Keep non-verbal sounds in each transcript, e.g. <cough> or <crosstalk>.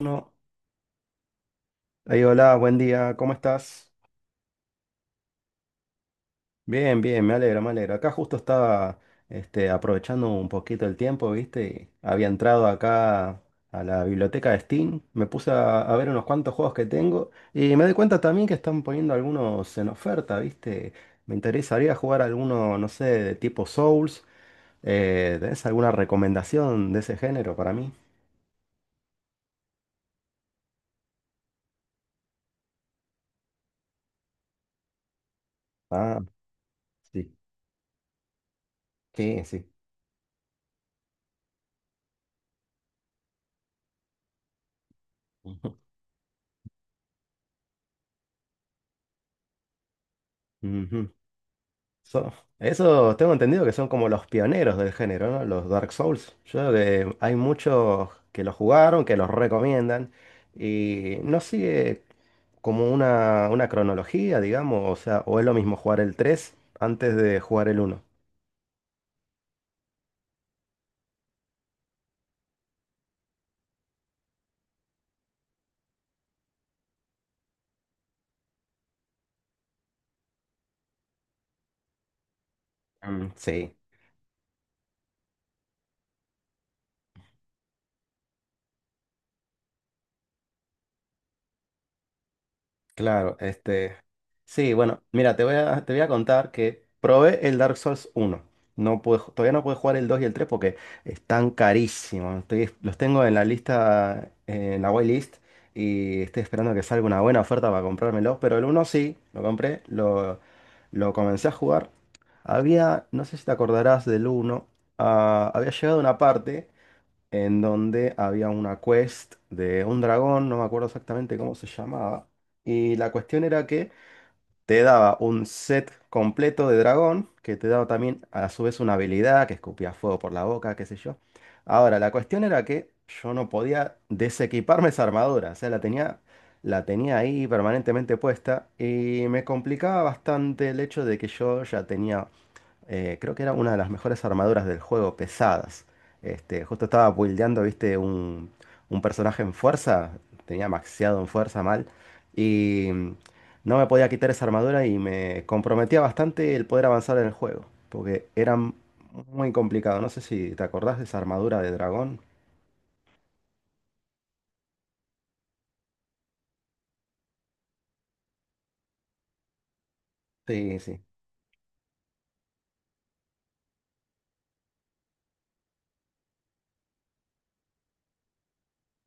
No. Ahí, hola, buen día, ¿cómo estás? Bien, bien, me alegro, me alegro. Acá justo estaba aprovechando un poquito el tiempo, ¿viste? Había entrado acá a la biblioteca de Steam, me puse a ver unos cuantos juegos que tengo y me di cuenta también que están poniendo algunos en oferta, ¿viste? Me interesaría jugar alguno, no sé, de tipo Souls. ¿Tenés alguna recomendación de ese género para mí? Ah, sí, sí, sí. Ujú. Ujú. So- Eso tengo entendido que son como los pioneros del género, ¿no? Los Dark Souls. Yo creo que hay muchos que lo jugaron, que los recomiendan, y no sigue como una cronología, digamos, o sea, ¿o es lo mismo jugar el 3 antes de jugar el uno? Mm, sí. Claro, este. Sí, bueno, mira, te voy a contar que probé el Dark Souls uno. No pude, todavía no pude jugar el 2 y el 3 porque están carísimos. Los tengo en la lista, en la whitelist, y estoy esperando que salga una buena oferta para comprármelo. Pero el uno sí, lo compré, lo comencé a jugar. Había, no sé si te acordarás del uno, ah, había llegado una parte en donde había una quest de un dragón, no me acuerdo exactamente cómo se llamaba. Y la cuestión era que te daba un set completo de dragón, que te daba también a su vez una habilidad que escupía fuego por la boca, qué sé yo. Ahora, la cuestión era que yo no podía desequiparme esa armadura, o sea, la tenía ahí permanentemente puesta y me complicaba bastante el hecho de que yo ya tenía creo que era una de las mejores armaduras del juego, pesadas. Este, justo estaba buildeando, viste, un personaje en fuerza, tenía maxeado en fuerza mal, y no me podía quitar esa armadura y me comprometía bastante el poder avanzar en el juego, porque era muy complicado. No sé si te acordás de esa armadura de dragón. Sí, sí.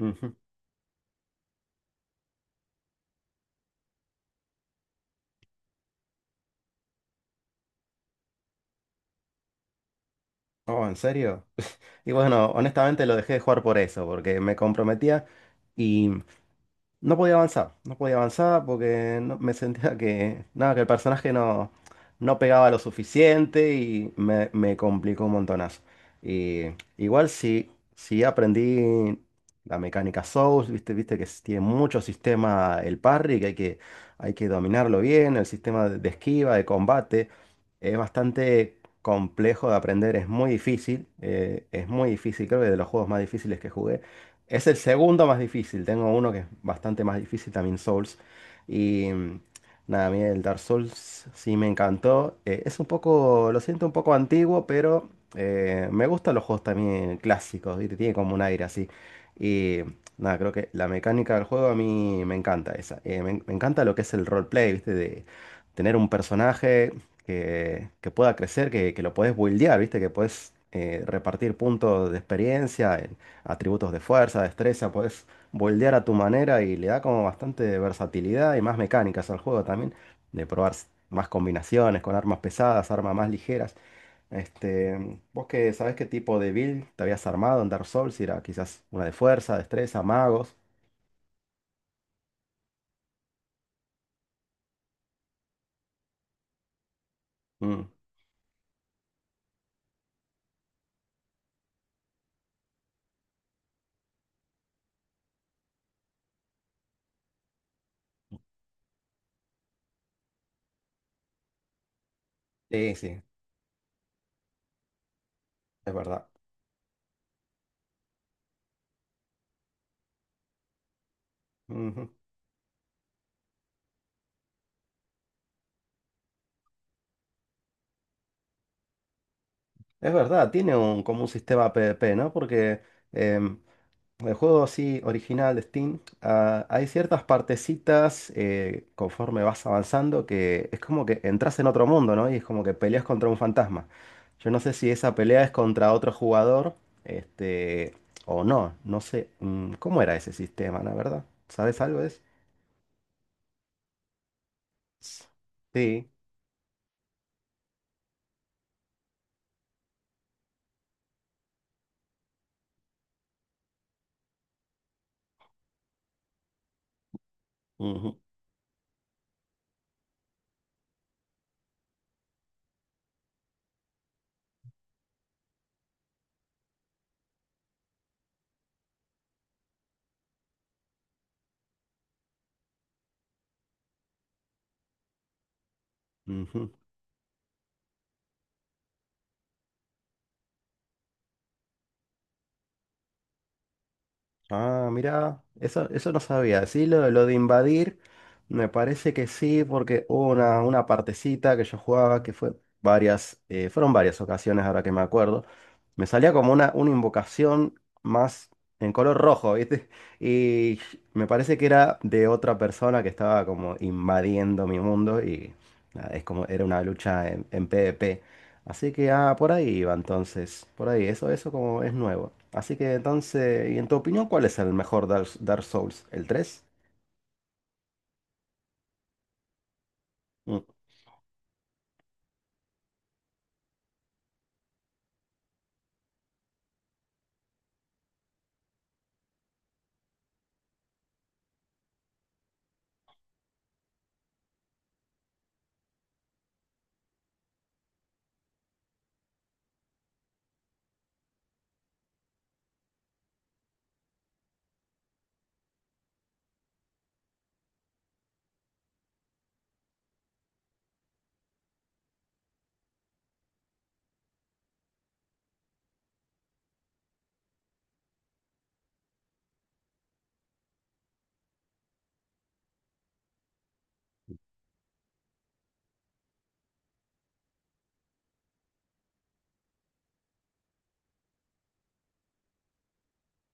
Ujú. Oh, ¿en serio? Y bueno, honestamente lo dejé de jugar por eso, porque me comprometía. No podía avanzar, no podía avanzar porque me sentía que, nada, que el personaje no, no pegaba lo suficiente y me complicó un montonazo. Y igual sí, sí aprendí la mecánica Souls, viste, tiene mucho sistema el parry, que hay que, hay que dominarlo bien, el sistema de esquiva, de combate, es bastante complejo de aprender, es muy difícil, creo que de los juegos más difíciles que jugué. Es el segundo más difícil. Tengo uno que es bastante más difícil, también Souls. Y nada, a mí el Dark Souls sí me encantó. Es un poco, lo siento un poco antiguo, pero me gustan los juegos también clásicos. Y tiene como un aire así. Y nada, creo que la mecánica del juego a mí me encanta esa. Me encanta lo que es el roleplay, ¿viste? De tener un personaje que pueda crecer, que lo podés buildear, ¿viste? Que podés repartir puntos de experiencia, atributos de fuerza, destreza, puedes moldear a tu manera y le da como bastante versatilidad y más mecánicas al juego también, de probar más combinaciones con armas pesadas, armas más ligeras. Este, vos que sabés qué tipo de build te habías armado en Dark Souls, si era quizás una de fuerza, destreza, magos. Mm, sí, sí, es verdad. Ujú. Es verdad, tiene un, como un sistema PvP, ¿no? Porque... em, el juego así original de Steam, ah, hay ciertas partecitas conforme vas avanzando que es como que entras en otro mundo, ¿no? Y es como que peleas contra un fantasma. Yo no sé si esa pelea es contra otro jugador, este, o no, no sé. ¿Cómo era ese sistema, la verdad? ¿Sabes algo de eso? Sí. Ujú, ujú. Ah, mira, eso no sabía. Sí, lo de invadir, me parece que sí, porque hubo una partecita que yo jugaba que fue varias, fueron varias ocasiones ahora que me acuerdo. Me salía como una invocación más en color rojo, ¿viste? <laughs> Y me parece que era de otra persona que estaba como invadiendo mi mundo y nada, es como era una lucha en PvP. Así que ah, por ahí va entonces, por ahí, eso como es nuevo. Así que entonces, ¿y en tu opinión cuál es el mejor Dark Souls? ¿El tres? Mm,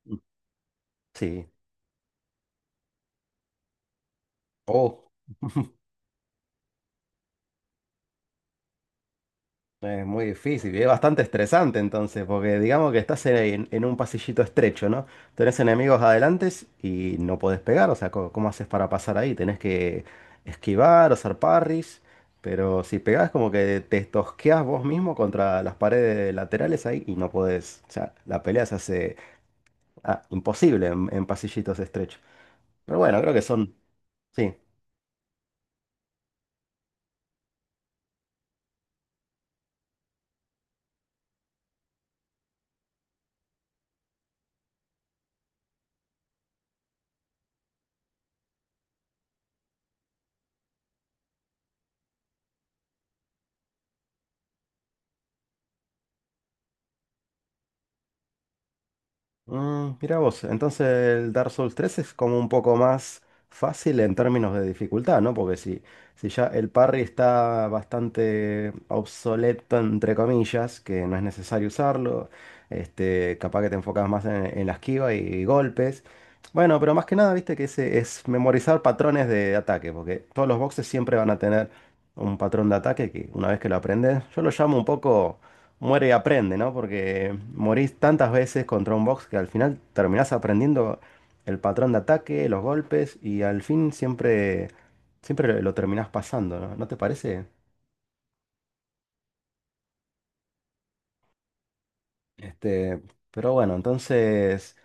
mm, sí. Oh, es muy difícil y es bastante estresante entonces, porque digamos que estás en un pasillito estrecho, ¿no? Tenés enemigos adelante y no podés pegar, o sea, ¿cómo haces para pasar ahí? Tenés que esquivar o hacer parries, pero si pegás como que te tosqueás vos mismo contra las paredes laterales ahí y no podés, o sea, la pelea se hace ah, imposible en pasillitos estrecho. Pero bueno, creo que son, sí, mm, mira vos, entonces el Dark Souls 3 es como un poco más fácil en términos de dificultad, ¿no? Porque si, si ya el parry está bastante obsoleto, entre comillas, que no es necesario usarlo, este, capaz que te enfocas más en la esquiva y golpes. Bueno, pero más que nada, viste que ese es memorizar patrones de ataque, porque todos los boxes siempre van a tener un patrón de ataque que una vez que lo aprendes, yo lo llamo un poco Muere y aprende, ¿no? Porque morís tantas veces contra un box que al final terminás aprendiendo el patrón de ataque, los golpes y al fin siempre, siempre lo terminás pasando, ¿no? ¿No te parece? Este, pero bueno, entonces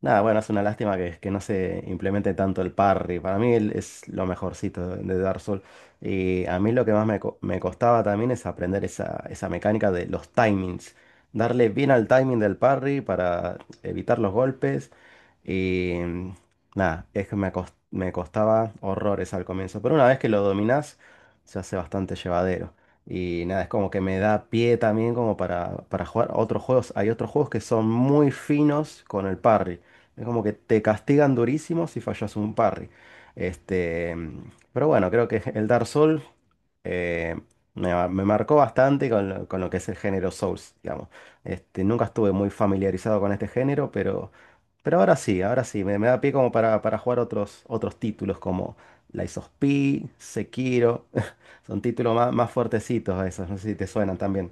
nada, bueno, es una lástima que no se implemente tanto el parry. Para mí él es lo mejorcito de Dark Souls. Y a mí lo que más me, me costaba también es aprender esa, esa mecánica de los timings. Darle bien al timing del parry para evitar los golpes. Y nada, es que me, me costaba horrores al comienzo. Pero una vez que lo dominás, se hace bastante llevadero. Y nada, es como que me da pie también como para jugar otros juegos. Hay otros juegos que son muy finos con el parry. Es como que te castigan durísimo si fallas un parry. Este, pero bueno, creo que el Dark Souls eh, me marcó bastante con lo que es el género Souls, digamos. Este, nunca estuve muy familiarizado con este género, pero ahora sí, me da pie como para jugar otros, otros títulos como Lies of P, Sekiro. <laughs> Son títulos más, más fuertecitos esos, no sé si te suenan también.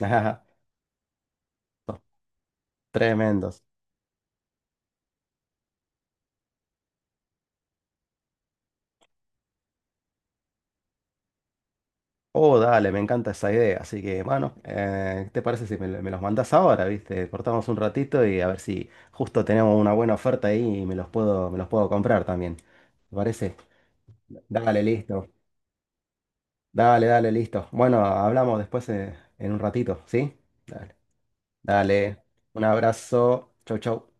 <laughs> Son tremendos. Oh, dale, me encanta esa idea. Así que, bueno, ¿qué te parece si me, me los mandas ahora, viste? Cortamos un ratito y a ver si justo tenemos una buena oferta ahí y me los puedo comprar también. ¿Te parece? Dale, listo. Dale, dale, listo. Bueno, hablamos después en un ratito, ¿sí? Dale. Dale. Un abrazo. Chau, chau.